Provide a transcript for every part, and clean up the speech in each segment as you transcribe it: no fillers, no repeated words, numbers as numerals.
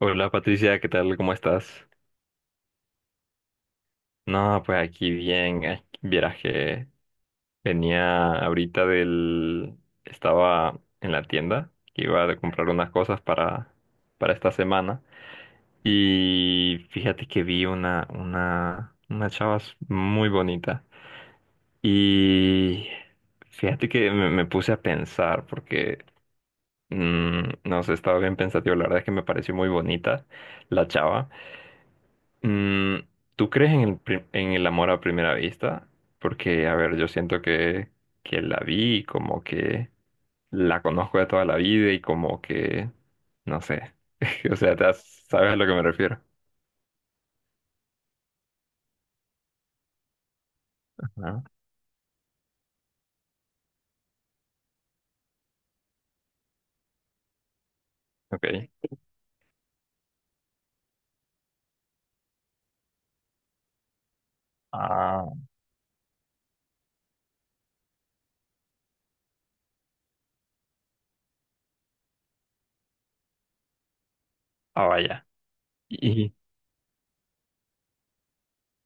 Hola Patricia, ¿qué tal? ¿Cómo estás? No, pues aquí bien. Ay, vieras que venía ahorita del... Estaba en la tienda, que iba a comprar unas cosas para esta semana. Y fíjate que vi una, una chava muy bonita. Y fíjate que me puse a pensar, porque, no sé, estaba bien pensativo. La verdad es que me pareció muy bonita la chava. Mm, ¿Tú crees en en el amor a primera vista? Porque, a ver, yo siento que la vi, como que la conozco de toda la vida y como que, no sé, o sea, sabes a lo que me refiero. Ajá. Ok. Ah, ah, vaya. Y,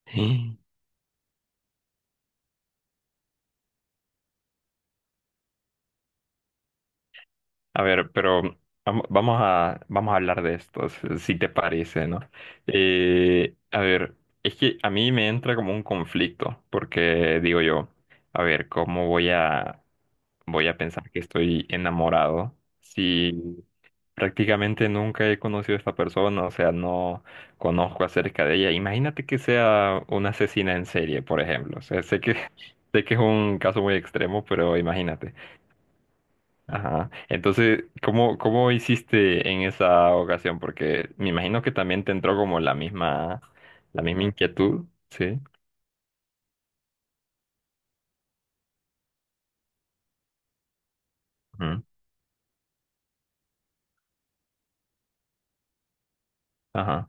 a ver, pero vamos a, vamos a hablar de estos, si te parece, ¿no? A ver, es que a mí me entra como un conflicto, porque digo yo, a ver, ¿voy a pensar que estoy enamorado si prácticamente nunca he conocido a esta persona? O sea, no conozco acerca de ella. Imagínate que sea una asesina en serie, por ejemplo. O sea, sé que, sé que es un caso muy extremo, pero imagínate. Ajá. Entonces, ¿cómo hiciste en esa ocasión? Porque me imagino que también te entró como la misma inquietud, ¿sí? Ujú. Ajá.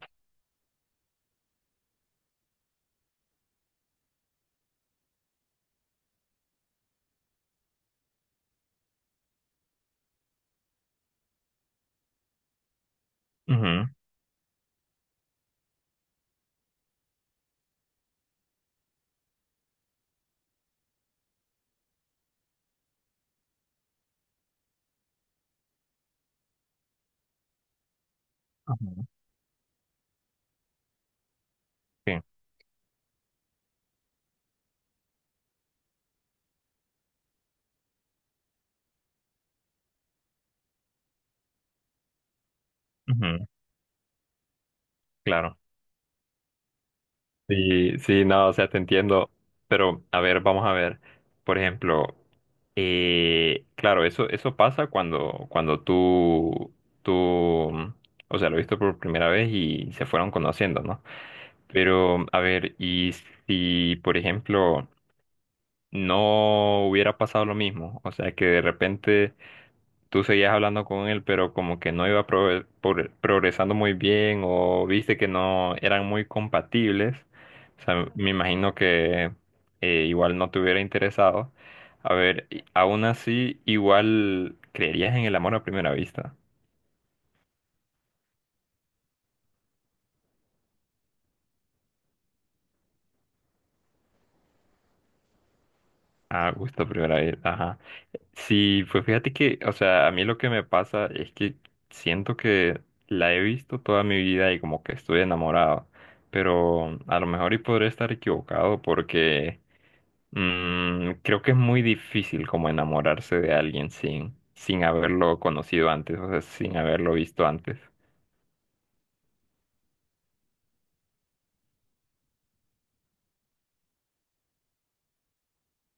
Ujú. Ujú. Sí. Ujú. Claro. Sí, sí, no, o sea, te entiendo. Pero, a ver, vamos a ver. Por ejemplo, claro, eso pasa cuando, cuando tú, mm, o sea, lo viste por primera vez y se fueron conociendo, ¿no? Pero, a ver, y si, por ejemplo, no hubiera pasado lo mismo. O sea, que de repente tú seguías hablando con él, pero como que no iba progresando muy bien o viste que no eran muy compatibles. O sea, me imagino que igual no te hubiera interesado. A ver, aún así, igual creerías en el amor a primera vista. A gusto a primera vista, ajá. Sí, pues fíjate que, o sea, a mí lo que me pasa es que siento que la he visto toda mi vida y como que estoy enamorado, pero a lo mejor y podré estar equivocado porque creo que es muy difícil como enamorarse de alguien sin, sin haberlo conocido antes, o sea, sin haberlo visto antes.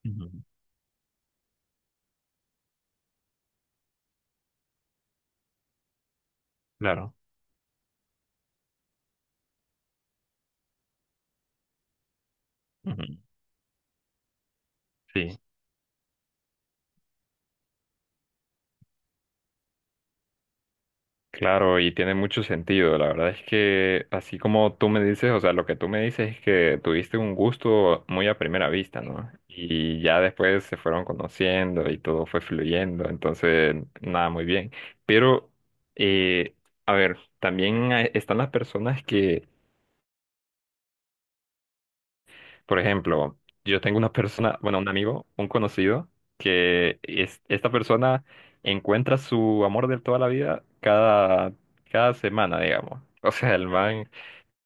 Ujú. Claro. Ujú. Sí. Claro, y tiene mucho sentido. La verdad es que así como tú me dices, o sea, lo que tú me dices es que tuviste un gusto muy a primera vista, ¿no? Y ya después se fueron conociendo y todo fue fluyendo, entonces nada, muy bien. Pero, eh, a ver, también están las personas que, por ejemplo, yo tengo una persona, bueno, un amigo, un conocido, que es, esta persona encuentra su amor de toda la vida cada semana, digamos. O sea, el man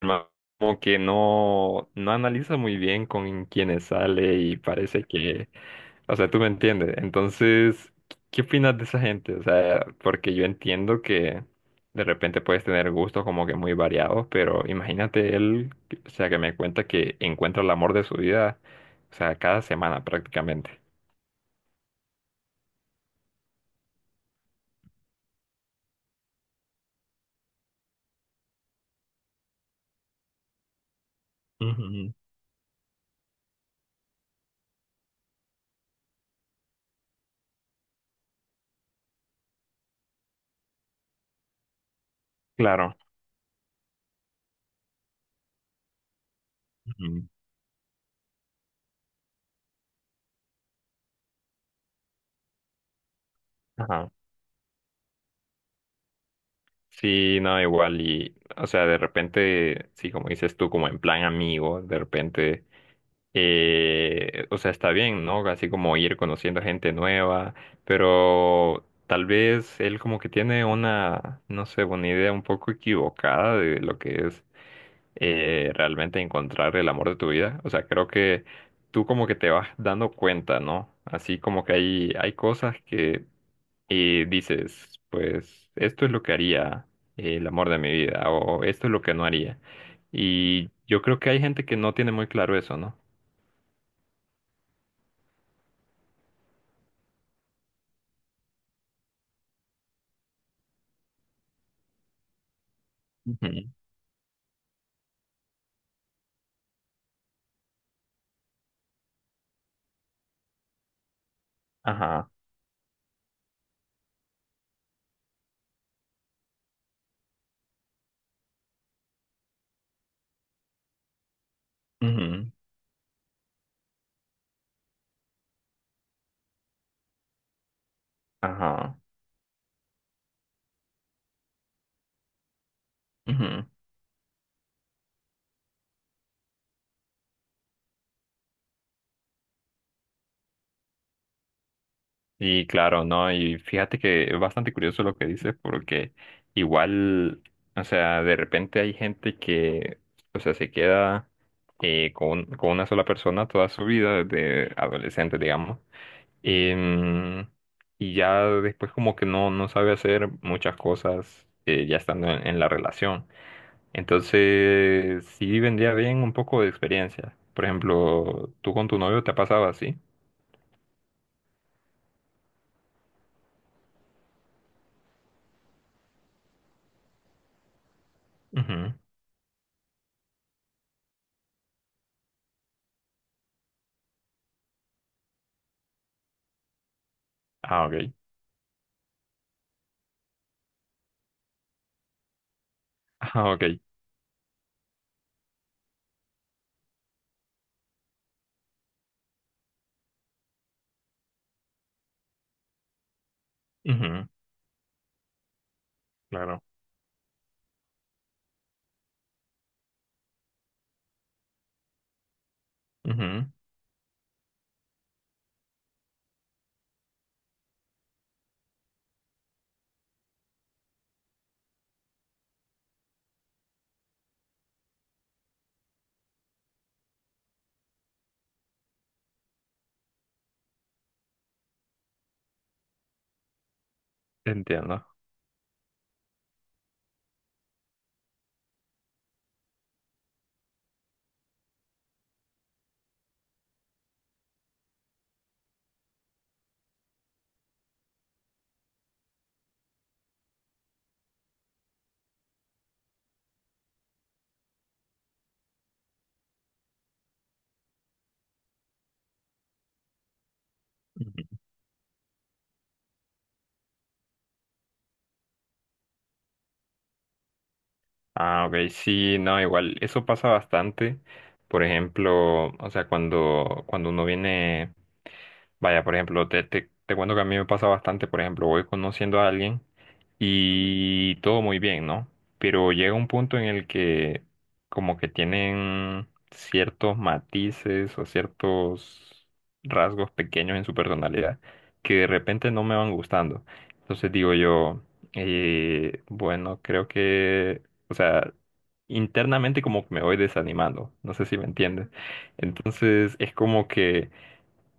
ma- como que no, no analiza muy bien con quienes sale y parece que, o sea, tú me entiendes. Entonces, ¿qué opinas de esa gente? O sea, porque yo entiendo que de repente puedes tener gustos como que muy variados, pero imagínate él, o sea, que me cuenta que encuentra el amor de su vida, o sea, cada semana prácticamente. Ujú, claro. Ujú. Ajá. Sí, no, igual y, o sea, de repente, sí, como dices tú, como en plan amigo, de repente o sea, está bien, ¿no? Así como ir conociendo gente nueva, pero tal vez él como que tiene una, no sé, una idea un poco equivocada de lo que es realmente encontrar el amor de tu vida. O sea, creo que tú como que te vas dando cuenta, ¿no? Así como que hay cosas que dices, pues esto es lo que haría el amor de mi vida o esto es lo que no haría. Y yo creo que hay gente que no tiene muy claro eso, ¿no? Ajá, ujú, ajá, ujú. Y claro, ¿no? Y fíjate que es bastante curioso lo que dices porque igual, o sea, de repente hay gente que, o sea, se queda con una sola persona toda su vida, desde adolescente, digamos. Em, y ya después como que no, no sabe hacer muchas cosas ya estando en la relación. Entonces, sí vendría bien un poco de experiencia. Por ejemplo, ¿tú con tu novio te ha pasado así? Ujú. Ah, ok. Ah, ok. Ujú. Claro. Ujú. Entiendo. Ujú. Ah, ok, sí, no, igual, eso pasa bastante. Por ejemplo, o sea, cuando, cuando uno viene, vaya, por ejemplo, te cuento que a mí me pasa bastante, por ejemplo, voy conociendo a alguien y todo muy bien, ¿no? Pero llega un punto en el que como que tienen ciertos matices o ciertos rasgos pequeños en su personalidad que de repente no me van gustando. Entonces digo yo, bueno, creo que o sea, internamente como que me voy desanimando, no sé si me entiendes. Entonces es como que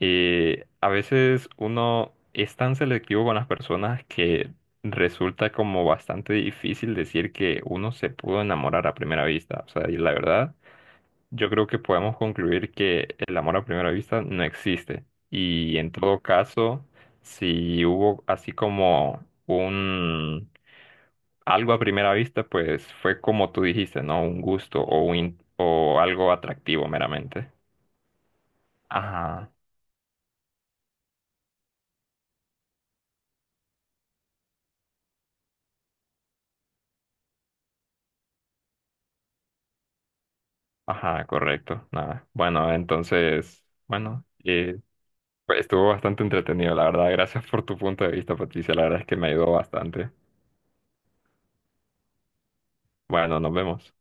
a veces uno es tan selectivo con las personas que resulta como bastante difícil decir que uno se pudo enamorar a primera vista. O sea, y la verdad, yo creo que podemos concluir que el amor a primera vista no existe. Y en todo caso, si hubo así como un algo a primera vista, pues fue como tú dijiste, ¿no? Un gusto o, o algo atractivo meramente. Ajá, ajá, correcto. Nada. Bueno, entonces, bueno, pues, estuvo bastante entretenido, la verdad. Gracias por tu punto de vista, Patricia. La verdad es que me ayudó bastante. Bueno, nos vemos.